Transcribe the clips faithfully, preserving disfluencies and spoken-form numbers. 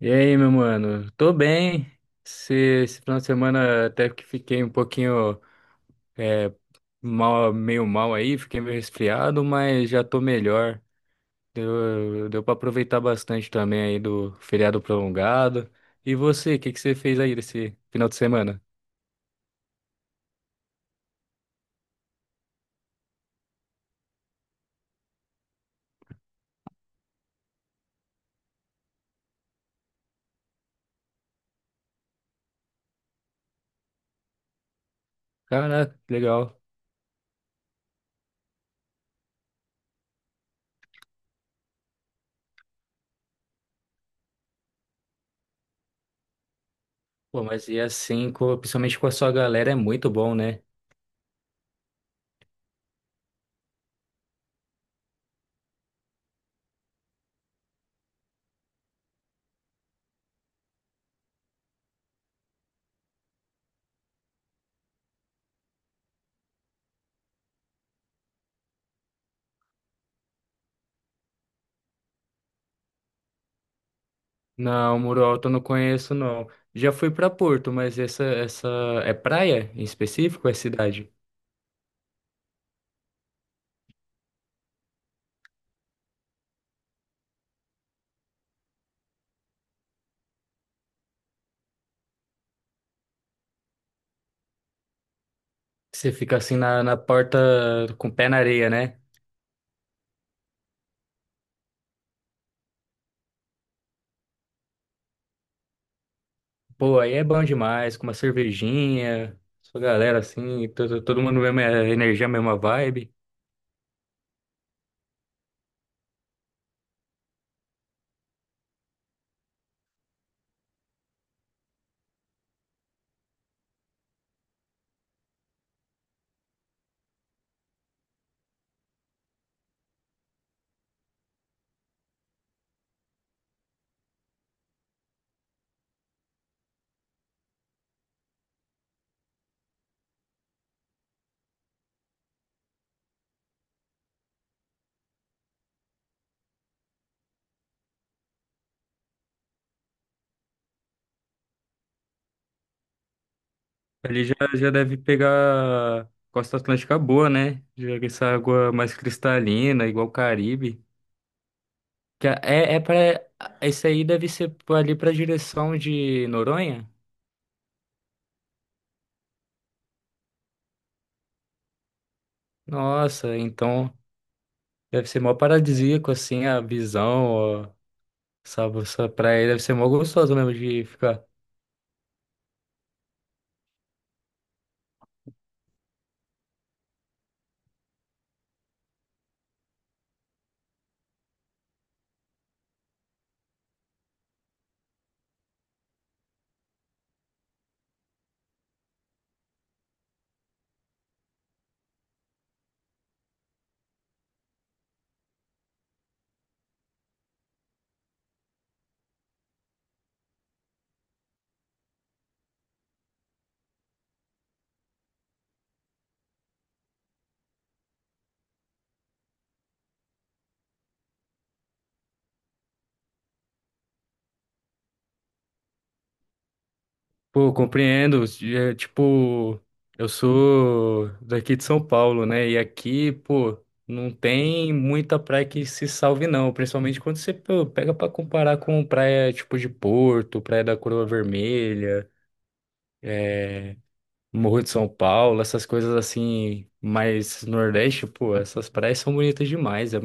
E aí, meu mano? Tô bem. Esse, esse final de semana até que fiquei um pouquinho é, mal, meio mal aí, fiquei meio resfriado, mas já tô melhor. Deu, deu pra aproveitar bastante também aí do feriado prolongado. E você, o que que você fez aí nesse final de semana? Caraca, que legal. Pô, mas e assim, co- principalmente com a sua galera, é muito bom, né? Não, Muro Alto eu não conheço, não. Já fui pra Porto, mas essa, essa é praia em específico ou é cidade? Você fica assim na, na porta com o pé na areia, né? Pô, aí é bom demais, com uma cervejinha, sua galera assim, todo, todo mundo mesma energia, mesma vibe. Ali já, já deve pegar Costa Atlântica boa, né? Já que essa água mais cristalina, igual o Caribe. Que é, é é pra, esse aí deve ser ali pra direção de Noronha? Nossa, então deve ser mó paradisíaco assim a visão, ó. Essa, essa praia deve ser mó gostosa mesmo de ficar. Pô, compreendo. É, tipo, eu sou daqui de São Paulo, né? E aqui, pô, não tem muita praia que se salve, não. Principalmente quando você pô, pega pra comparar com praia tipo de Porto, praia da Coroa Vermelha, é, Morro de São Paulo, essas coisas assim, mais Nordeste, pô, essas praias são bonitas demais. É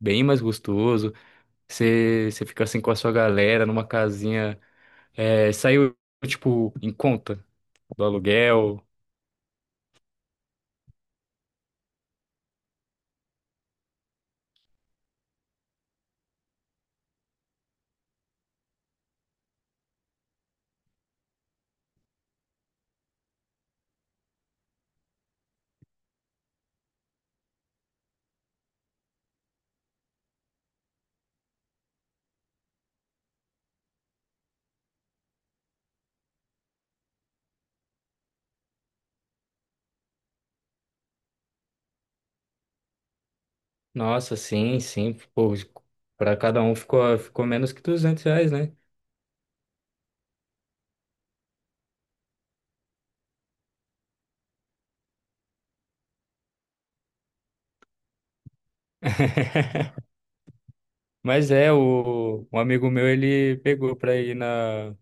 bem mais gostoso. Você você fica assim com a sua galera numa casinha. É, saiu, tipo, em conta do aluguel. Nossa, sim, sim. Pô, para cada um ficou, ficou menos que duzentos reais, né? Mas é, o, um amigo meu, ele pegou pra ir na...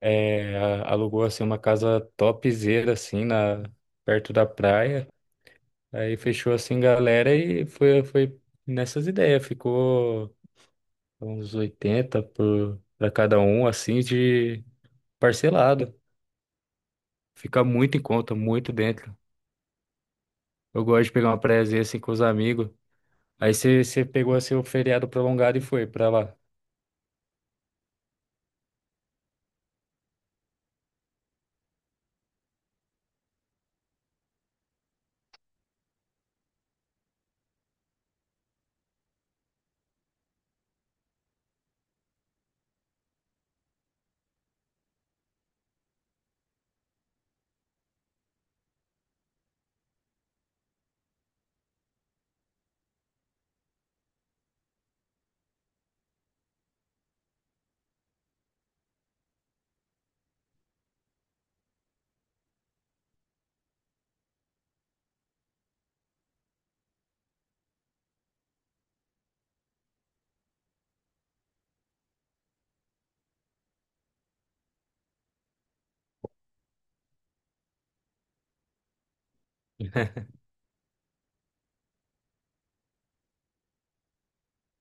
é, a- alugou, assim, uma casa topzera, assim, na, perto da praia. Aí fechou, assim, galera e foi, foi nessas ideias. Ficou uns oitenta por, pra cada um, assim, de parcelado. Fica muito em conta, muito dentro. Eu gosto de pegar uma praiazinha, assim, com os amigos. Aí você você pegou seu feriado prolongado e foi pra lá.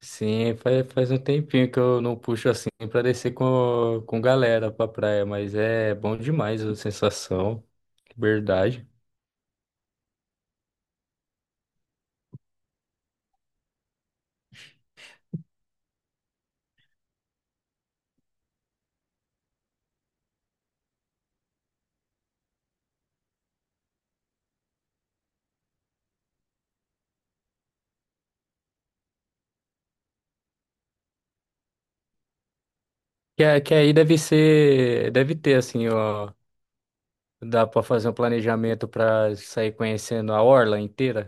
Sim, faz, faz um tempinho que eu não puxo assim pra descer com, com galera pra praia, mas é bom demais a sensação, liberdade. Que, a- que aí deve ser, deve ter assim, ó. Dá para fazer um planejamento para sair conhecendo a orla inteira?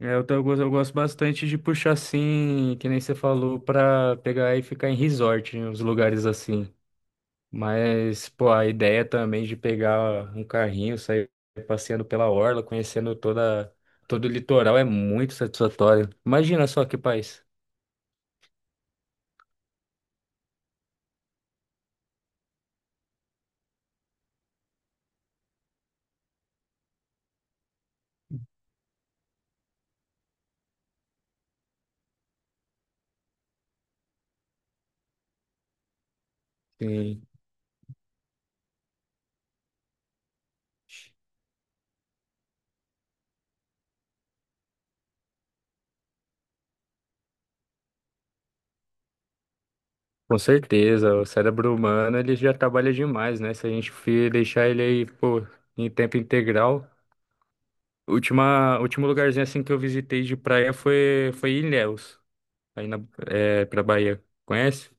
É, eu, tô- eu gosto eu gosto bastante de puxar assim, que nem você falou, para pegar e ficar em resort, em uns lugares assim. Mas, pô, a ideia também de pegar um carrinho, sair passeando pela orla, conhecendo toda, todo o litoral é muito satisfatório. Imagina só que país. Sim, com certeza, o cérebro humano ele já trabalha demais, né? Se a gente fi- deixar ele aí, pô, em tempo integral. Última, último lugarzinho assim que eu visitei de praia foi, foi Ilhéus, aí na, é, pra Bahia. Conhece?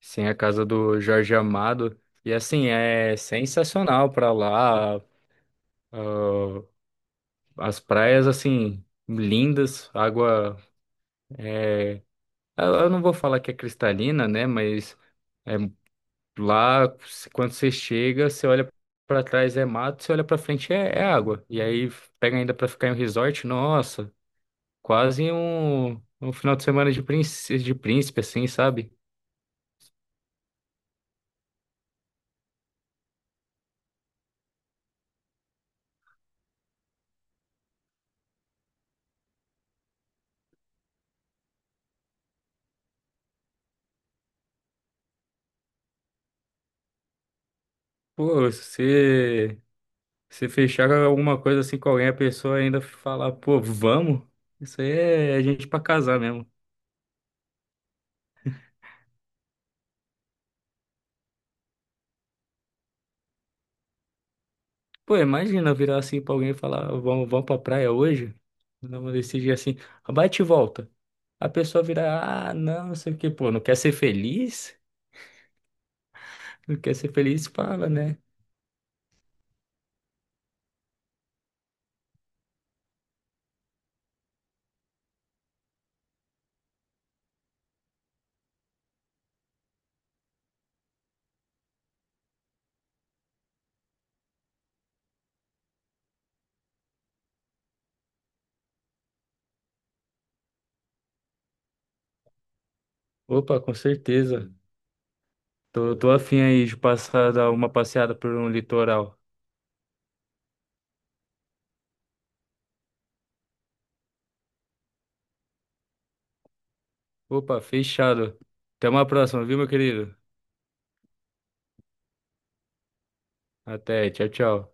Sim, a casa do Jorge Amado. E assim, é sensacional pra lá. Ah, as praias, assim, lindas, água. Eu eu não vou falar que é cristalina, né? Mas é, lá, se- quando você chega, você olha pra trás é mato, você olha pra frente é, é água. E aí pega ainda pra ficar em um resort, nossa, quase um, um final de semana de príncipe, de príncipe, assim, sabe? Pô, se se fechar alguma coisa assim com alguém, a pessoa ainda falar, pô, vamos? Isso aí é é gente pra casar mesmo. Pô, imagina eu virar assim pra alguém e falar, vamos, vamos pra praia hoje? Vamos decidir assim, bate e volta. A pessoa virar, ah, não, não sei o que pô, não quer ser feliz? Não quer ser feliz? Fala, né? Opa, com certeza. Tô, tô afim aí de passar dar uma passeada por um litoral. Opa, fechado. Até uma próxima, viu, meu querido? Até, tchau, tchau.